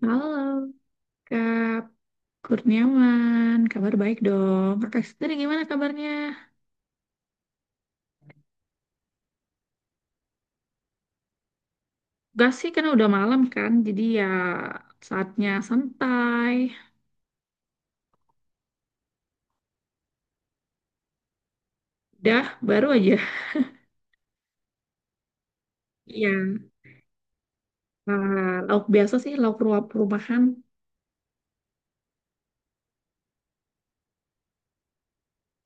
Halo, Kak Kurniawan. Kabar baik dong. Kakak sendiri gimana kabarnya? Gak sih, karena udah malam kan. Jadi ya saatnya santai. Udah, baru aja. Iya, lauk biasa sih, lauk ruap rumahan.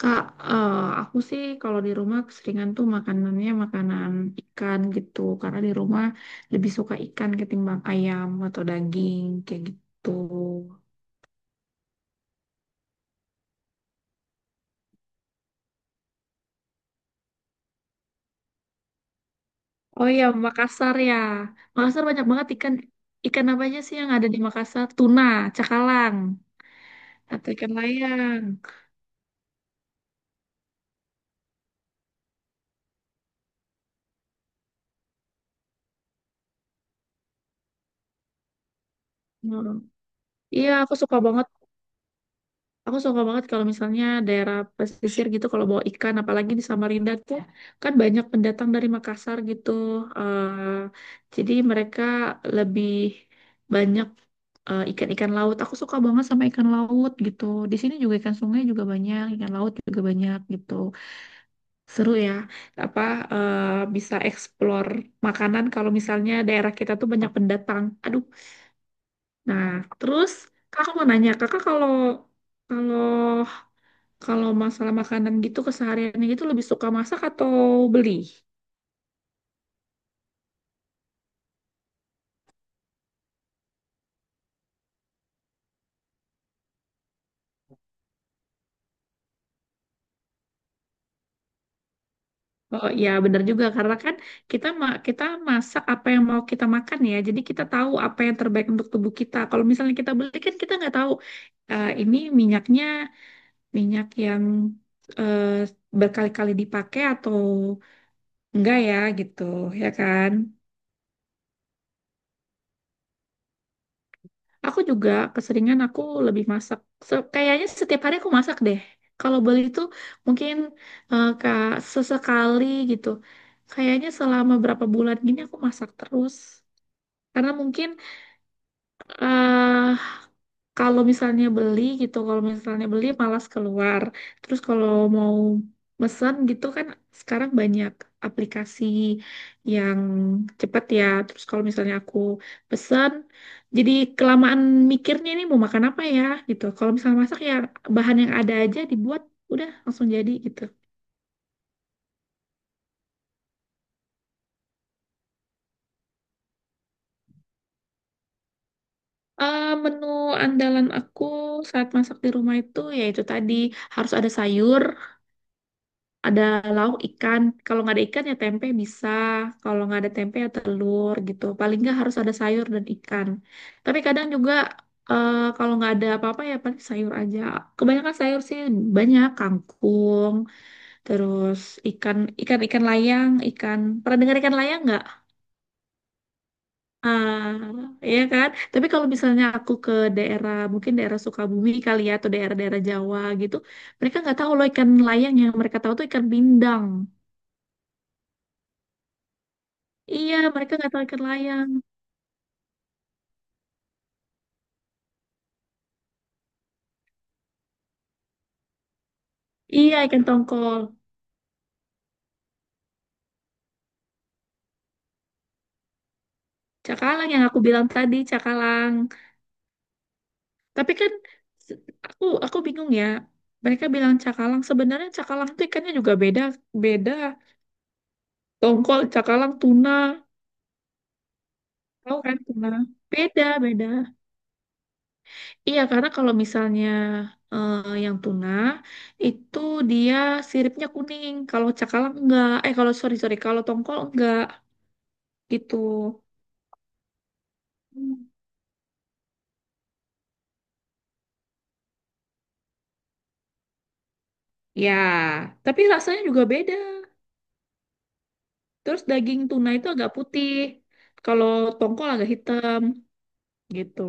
Kak, eh, aku sih kalau di rumah keseringan tuh makanannya makanan ikan gitu. Karena di rumah lebih suka ikan ketimbang ayam atau daging kayak gitu. Oh iya, Makassar ya. Makassar banyak banget ikan. Ikan apa aja sih yang ada di Makassar? Tuna, cakalang, atau ikan layang. Hmm. Iya, aku suka banget. Aku suka banget kalau misalnya daerah pesisir gitu, kalau bawa ikan, apalagi di Samarinda tuh kan banyak pendatang dari Makassar gitu. Eh, jadi mereka lebih banyak ikan-ikan laut. Aku suka banget sama ikan laut gitu. Di sini juga ikan sungai juga banyak, ikan laut juga banyak gitu. Seru ya, apa, eh, bisa explore makanan kalau misalnya daerah kita tuh banyak pendatang. Aduh. Nah, terus kakak mau nanya, kakak kalau kalau kalau masalah makanan gitu kesehariannya gitu lebih suka masak atau beli? Oh iya benar juga karena kan kita masak apa yang mau kita makan ya. Jadi kita tahu apa yang terbaik untuk tubuh kita. Kalau misalnya kita beli kan kita nggak tahu ini minyaknya minyak yang eh, berkali-kali dipakai atau enggak ya gitu ya kan. Aku juga keseringan, aku lebih masak. Kayaknya setiap hari aku masak deh. Kalau beli itu mungkin sesekali gitu. Kayaknya selama berapa bulan gini aku masak terus karena mungkin. eh, Kalau misalnya beli gitu, kalau misalnya beli malas keluar. Terus kalau mau mesen gitu kan sekarang banyak aplikasi yang cepat ya. Terus kalau misalnya aku pesen, jadi kelamaan mikirnya ini mau makan apa ya gitu. Kalau misalnya masak ya bahan yang ada aja dibuat, udah langsung jadi gitu. Menu andalan aku saat masak di rumah itu ya itu tadi, harus ada sayur, ada lauk ikan. Kalau nggak ada ikan ya tempe bisa, kalau nggak ada tempe ya telur gitu. Paling nggak harus ada sayur dan ikan, tapi kadang juga kalau nggak ada apa-apa ya paling sayur aja. Kebanyakan sayur sih, banyak kangkung. Terus ikan ikan ikan layang. Ikan, pernah dengar ikan layang nggak? Ah, ya kan, tapi kalau misalnya aku ke daerah, mungkin daerah Sukabumi kali ya atau daerah-daerah Jawa gitu, mereka nggak tahu loh ikan layang, yang mereka tahu tuh ikan bindang. Iya, mereka nggak tahu ikan layang. Iya, ikan tongkol. Cakalang yang aku bilang tadi, cakalang. Tapi kan se- aku bingung ya. Mereka bilang cakalang. Sebenarnya cakalang itu ikannya juga beda beda. Tongkol, cakalang, tuna. Tahu kan tuna? Beda, beda. Iya, karena kalau misalnya eh, yang tuna itu dia siripnya kuning. Kalau cakalang enggak. Kalau sorry sorry, kalau tongkol enggak gitu. Hmm. Ya, tapi rasanya juga beda. Terus daging tuna itu agak putih. Kalau tongkol agak hitam gitu.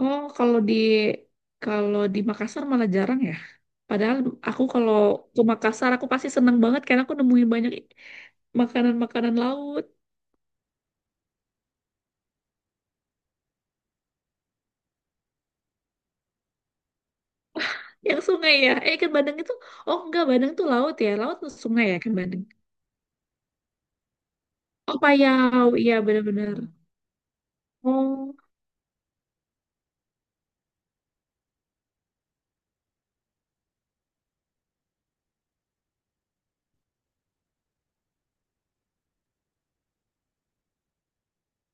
Oh, kalau di Makassar malah jarang ya. Padahal aku kalau ke Makassar aku pasti seneng banget karena aku nemuin banyak makanan-makanan laut yang sungai ya. Ikan bandeng itu, oh enggak, bandeng itu laut ya. Laut itu sungai ya ikan bandeng. Oh payau, iya benar-benar. Oh,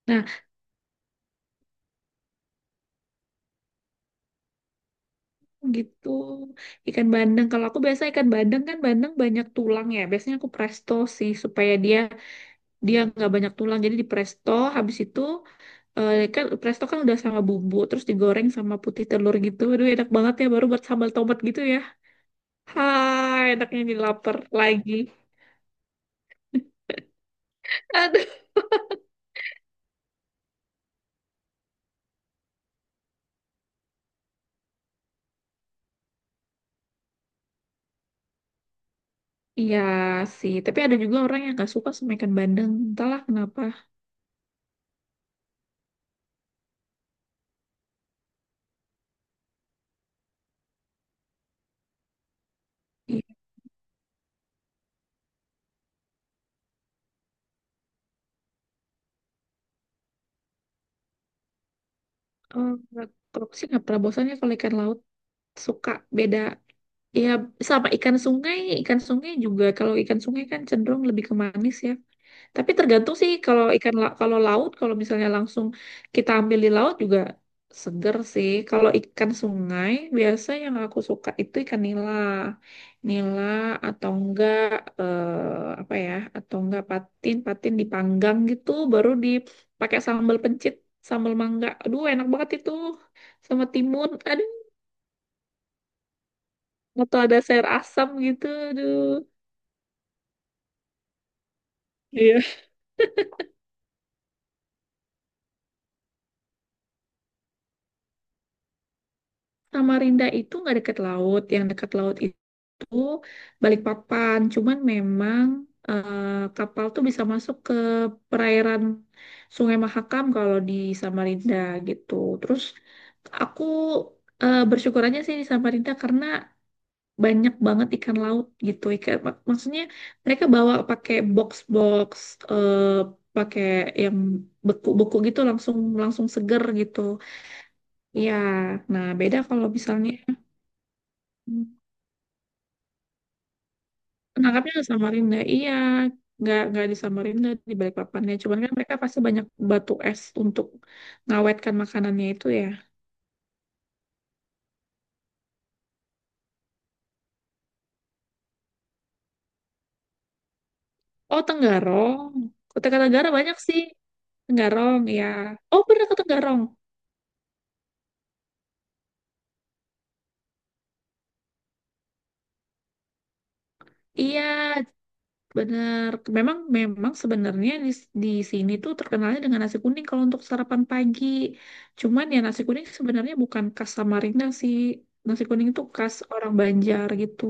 nah gitu ikan bandeng. Kalau aku biasa ikan bandeng kan bandeng banyak tulang ya. Biasanya aku presto sih supaya dia dia nggak banyak tulang, jadi di presto. Habis itu kan presto kan udah sama bumbu terus digoreng sama putih telur gitu, aduh enak banget ya, baru buat sambal tomat gitu ya. Hai, enaknya jadi lapar lagi. Aduh, iya sih, tapi ada juga orang yang nggak suka sama ikan bandeng, entahlah kenapa. Iya, oh, kalau aku sih nggak pernah bosan ya kalau ikan laut, suka. Beda ya sama ikan sungai. Ikan sungai juga, kalau ikan sungai kan cenderung lebih ke manis ya. Tapi tergantung sih, kalau laut kalau misalnya langsung kita ambil di laut juga seger sih. Kalau ikan sungai biasa yang aku suka itu ikan nila. Nila atau enggak eh, apa ya? Atau enggak patin, patin dipanggang gitu baru dipakai sambal pencit, sambal mangga. Aduh enak banget itu. Sama timun. Aduh, atau ada sayur asam gitu. Aduh. Iya. Samarinda itu nggak dekat laut. Yang dekat laut itu Balikpapan. Cuman memang eh, kapal tuh bisa masuk ke perairan Sungai Mahakam kalau di Samarinda gitu. Terus aku bersyukur aja sih di Samarinda karena banyak banget ikan laut gitu. Maksudnya mereka bawa pakai box-box, eh, pakai yang beku-beku gitu, langsung langsung seger gitu. Iya, nah beda kalau misalnya nangkapnya di Samarinda, iya. Nggak di Samarinda, di Balikpapan ya. Cuman kan mereka pasti banyak batu es untuk ngawetkan makanannya itu ya. Oh, Tenggarong. Kota Tenggara banyak sih. Tenggarong, ya. Oh, pernah ke Tenggarong. Iya, bener. Memang, memang sebenarnya di sini tuh terkenalnya dengan nasi kuning kalau untuk sarapan pagi. Cuman ya nasi kuning sebenarnya bukan khas Samarinda sih. Nasi kuning itu khas orang Banjar gitu.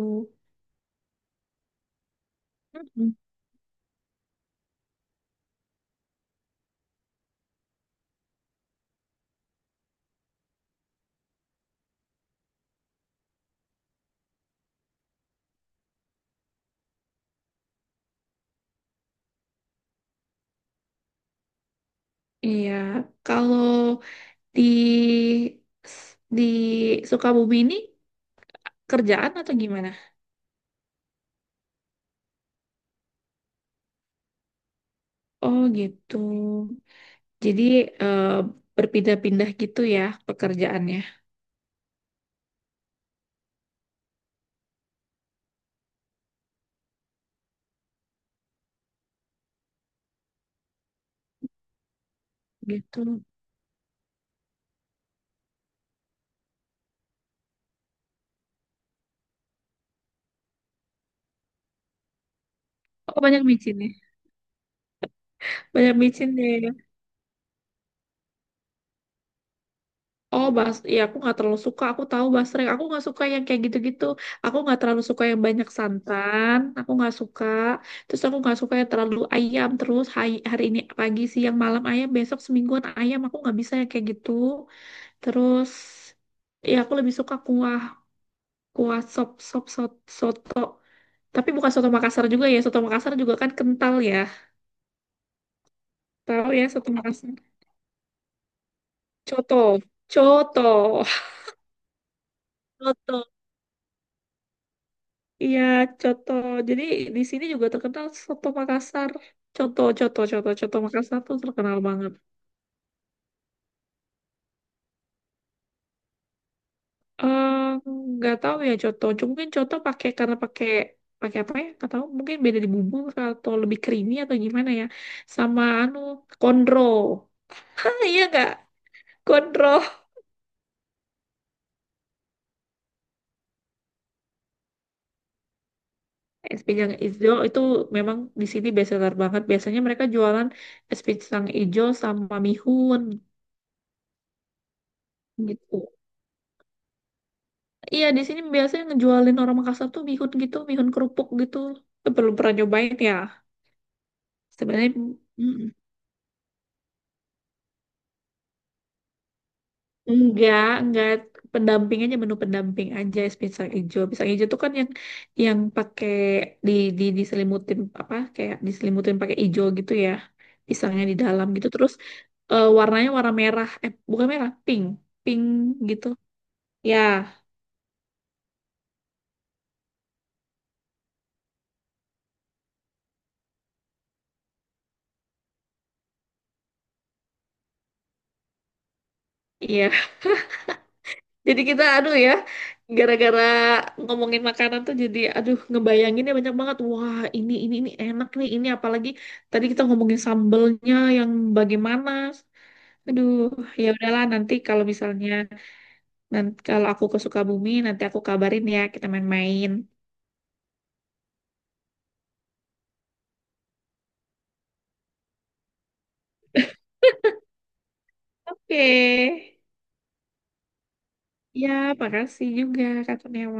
Iya, kalau di di Sukabumi ini kerjaan atau gimana? Oh gitu. Jadi eh, berpindah-pindah gitu ya pekerjaannya. Gitu. Oh banyak micin ya. Banyak micin deh. Oh ya aku nggak terlalu suka. Aku tahu basreng. Aku nggak suka yang kayak gitu-gitu. Aku nggak terlalu suka yang banyak santan. Aku nggak suka. Terus aku nggak suka yang terlalu ayam, terus hari ini pagi siang malam ayam, besok semingguan ayam. Aku nggak bisa yang kayak gitu. Terus ya aku lebih suka kuah, kuah sop sop sot- soto. Tapi bukan soto Makassar juga ya. Soto Makassar juga kan kental ya. Tahu ya soto Makassar. Coto. Coto. Coto. Iya, coto. Jadi di sini juga terkenal soto Makassar. Coto, coto, coto, coto Makassar tuh terkenal banget. Eh, nggak tahu ya coto. Cuma mungkin coto pakai, karena pakai pakai apa ya? Nggak tahu. Mungkin beda di bumbu atau lebih creamy atau gimana ya. Sama anu kondro. Hah, iya nggak? Gondroh. Es pisang hijau itu memang di sini bestseller banget. Biasanya mereka jualan es pisang hijau sama mihun gitu. Iya, di sini biasanya ngejualin orang Makassar tuh mihun gitu, mihun kerupuk gitu. Itu belum pernah nyobain ya. Sebenarnya, mm, enggak, pendamping aja, menu pendamping aja es pisang hijau. Pisang hijau tuh kan yang pakai di di diselimutin, apa, kayak diselimutin pakai hijau gitu ya. Pisangnya di dalam gitu terus warnanya warna merah. Bukan merah, pink. Pink gitu. Ya, iya. Jadi kita, aduh ya, gara-gara ngomongin makanan tuh jadi aduh, ngebayanginnya banyak banget. Wah, ini enak nih. Ini apalagi tadi kita ngomongin sambelnya yang bagaimana. Aduh, ya udahlah nanti kalau misalnya, nanti kalau aku ke Sukabumi nanti aku kabarin ya, kita main-main. Oke. Ya, makasih juga Kak Kurniawan.